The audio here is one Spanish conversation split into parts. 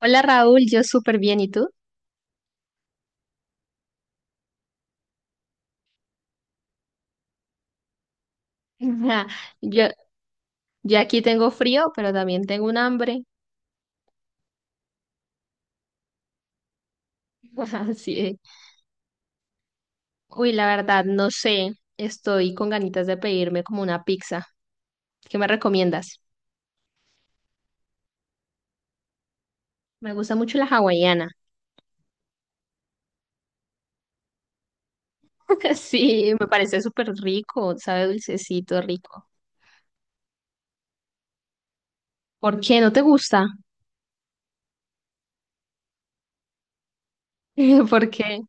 Hola Raúl, yo súper bien, ¿y tú? Yo, yo aquí tengo frío, pero también tengo un hambre. Así es. Uy, la verdad, no sé, estoy con ganitas de pedirme como una pizza. ¿Qué me recomiendas? Me gusta mucho la hawaiana. Sí, me parece súper rico, sabe dulcecito, rico. ¿Por qué no te gusta? Porque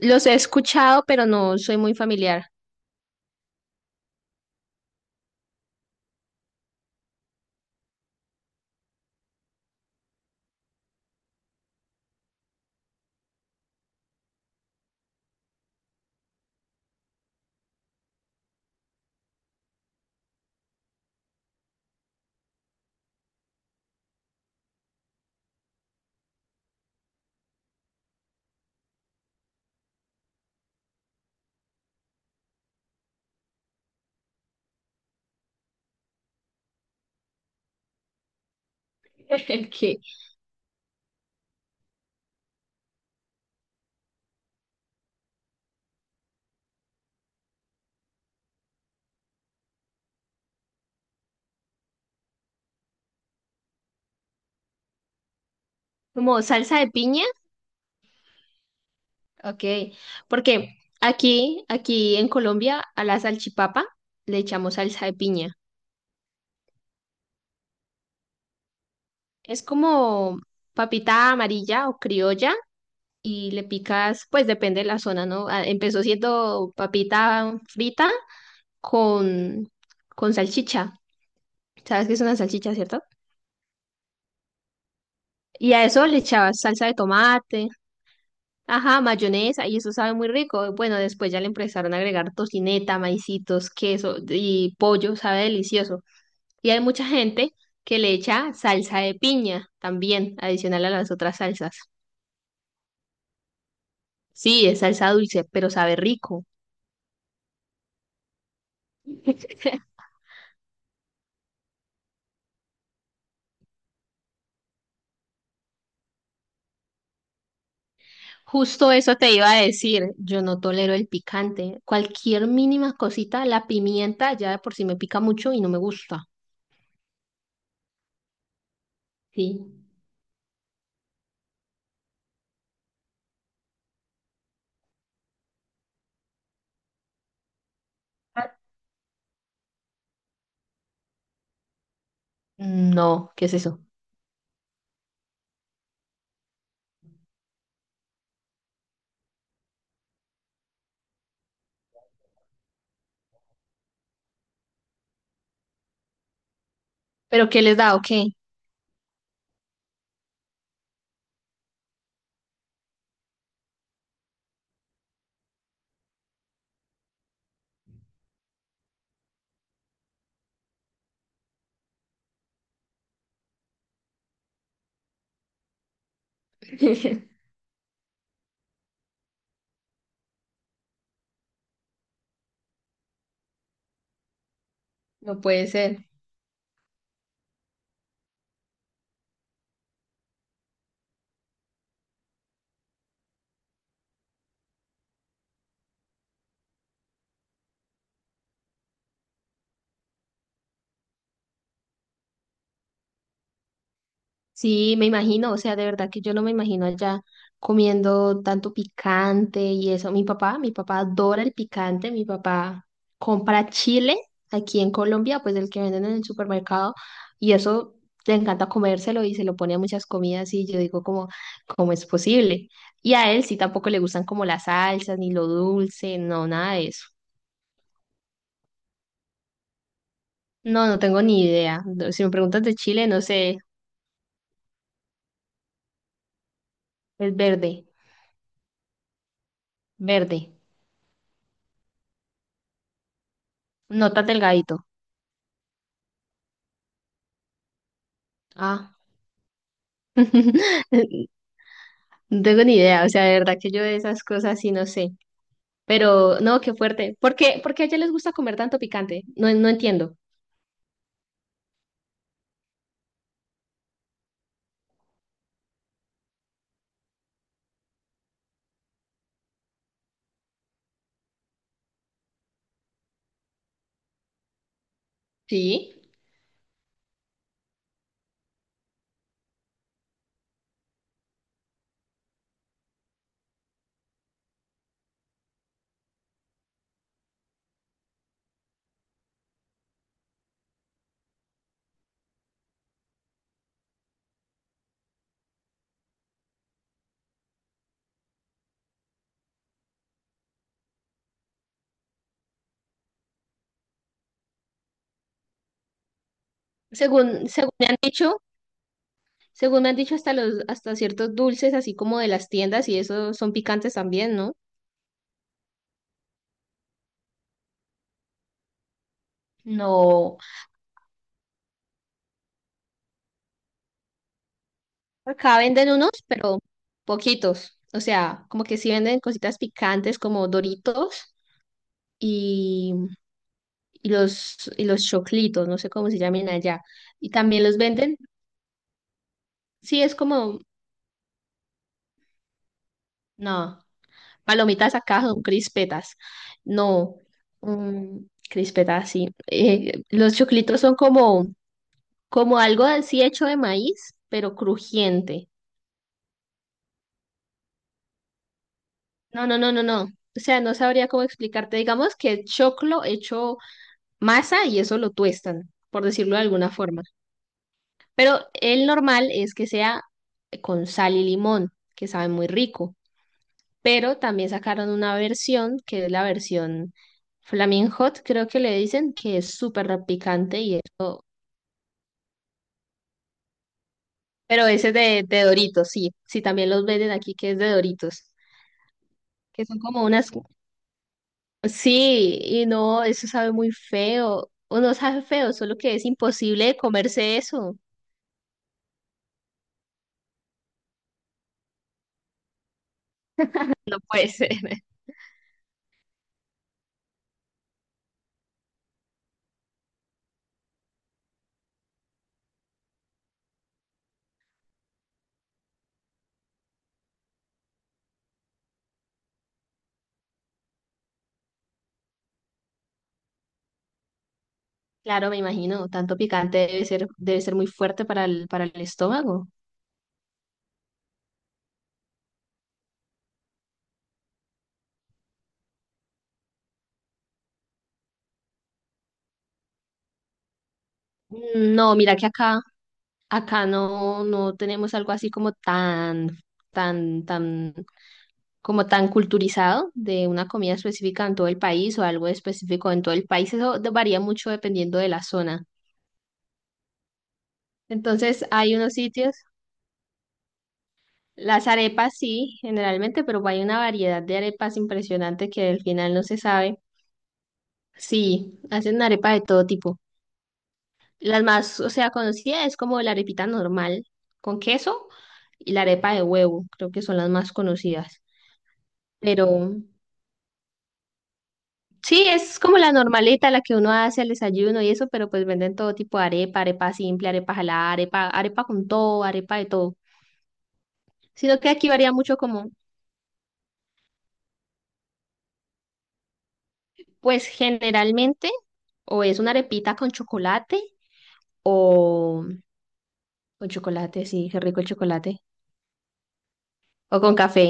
los he escuchado, pero no soy muy familiar. ¿Qué? ¿Como salsa de piña? Ok, porque aquí en Colombia, a la salchipapa le echamos salsa de piña. Es como papita amarilla o criolla y le picas, pues depende de la zona, ¿no? Ah, empezó siendo papita frita con, con salchicha. ¿Sabes qué es una salchicha, cierto? Y a eso le echabas salsa de tomate, ajá, mayonesa, y eso sabe muy rico. Bueno, después ya le empezaron a agregar tocineta, maicitos, queso y pollo, sabe delicioso. Y hay mucha gente que le echa salsa de piña también, adicional a las otras salsas. Sí, es salsa dulce, pero sabe rico. Justo eso te iba a decir. Yo no tolero el picante. Cualquier mínima cosita, la pimienta ya de por sí me pica mucho y no me gusta. Sí. Ah, no, ¿qué es eso? ¿Pero qué les da o qué? No puede ser. Sí, me imagino, o sea, de verdad que yo no me imagino allá comiendo tanto picante y eso. Mi papá adora el picante, mi papá compra chile aquí en Colombia, pues el que venden en el supermercado, y eso le encanta comérselo y se lo pone a muchas comidas y yo digo como, ¿cómo es posible? Y a él sí tampoco le gustan como las salsas, ni lo dulce, no, nada de eso. No, no tengo ni idea. No, si me preguntas de chile, no sé, es verde, no tan delgadito. Ah. No tengo ni idea, o sea, de verdad que yo de esas cosas sí no sé. Pero no, qué fuerte. ¿Por qué a ella les gusta comer tanto picante? No, no entiendo. Sí. Según me han dicho, según me han dicho hasta hasta ciertos dulces, así como de las tiendas, y eso son picantes también, ¿no? No, acá venden unos, pero poquitos. O sea, como que sí venden cositas picantes como Doritos y, y los choclitos, no sé cómo se llaman allá. Y también los venden. Sí, es como, no, palomitas acá son crispetas. No, mm, crispetas, sí. Los choclitos son como, como algo así hecho de maíz, pero crujiente. No, no, no, no, no. O sea, no sabría cómo explicarte. Digamos que es choclo hecho masa y eso lo tuestan, por decirlo de alguna forma. Pero el normal es que sea con sal y limón, que sabe muy rico. Pero también sacaron una versión que es la versión Flaming Hot, creo que le dicen, que es súper picante y eso, pero ese es de Doritos, sí, sí, también los venden aquí que es de Doritos, que son como unas, sí, y no, eso sabe muy feo, o no sabe feo, solo que es imposible de comerse eso, no puede ser. Claro, me imagino, tanto picante debe ser muy fuerte para para el estómago. Mm, no, mira que acá, acá no, no tenemos algo así como tan, tan, como tan culturizado de una comida específica en todo el país o algo específico en todo el país. Eso de- varía mucho dependiendo de la zona. Entonces, hay unos sitios, las arepas sí, generalmente, pero hay una variedad de arepas impresionante que al final no se sabe. Sí, hacen arepa de todo tipo. Las más, o sea, conocida es como la arepita normal con queso y la arepa de huevo, creo que son las más conocidas. Pero sí, es como la normalita la que uno hace al desayuno y eso, pero pues venden todo tipo de arepa, arepa simple, arepa jalada, arepa, arepa con todo, arepa de todo. Sino que aquí varía mucho como, pues generalmente, o es una arepita con chocolate, o con chocolate, sí, qué rico el chocolate, o con café.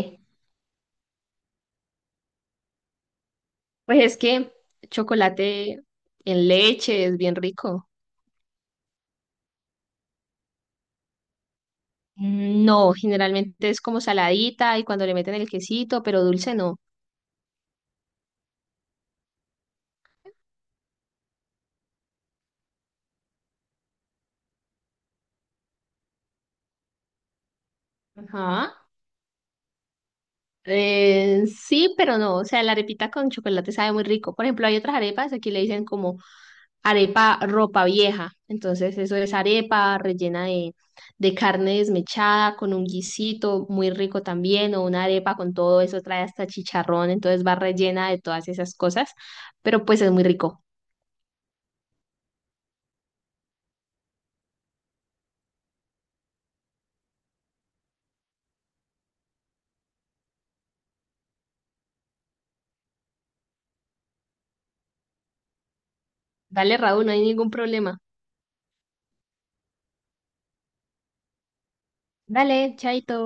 Pues es que chocolate en leche es bien rico. Mm, no, generalmente es como saladita y cuando le meten el quesito, pero dulce no. Ajá. Sí, pero no. O sea, la arepita con chocolate sabe muy rico. Por ejemplo, hay otras arepas, aquí le dicen como arepa ropa vieja. Entonces, eso es arepa rellena de carne desmechada con un guisito muy rico también, o una arepa con todo eso, trae hasta chicharrón, entonces va rellena de todas esas cosas. Pero pues es muy rico. Dale, Raúl, no hay ningún problema. Dale, chaito.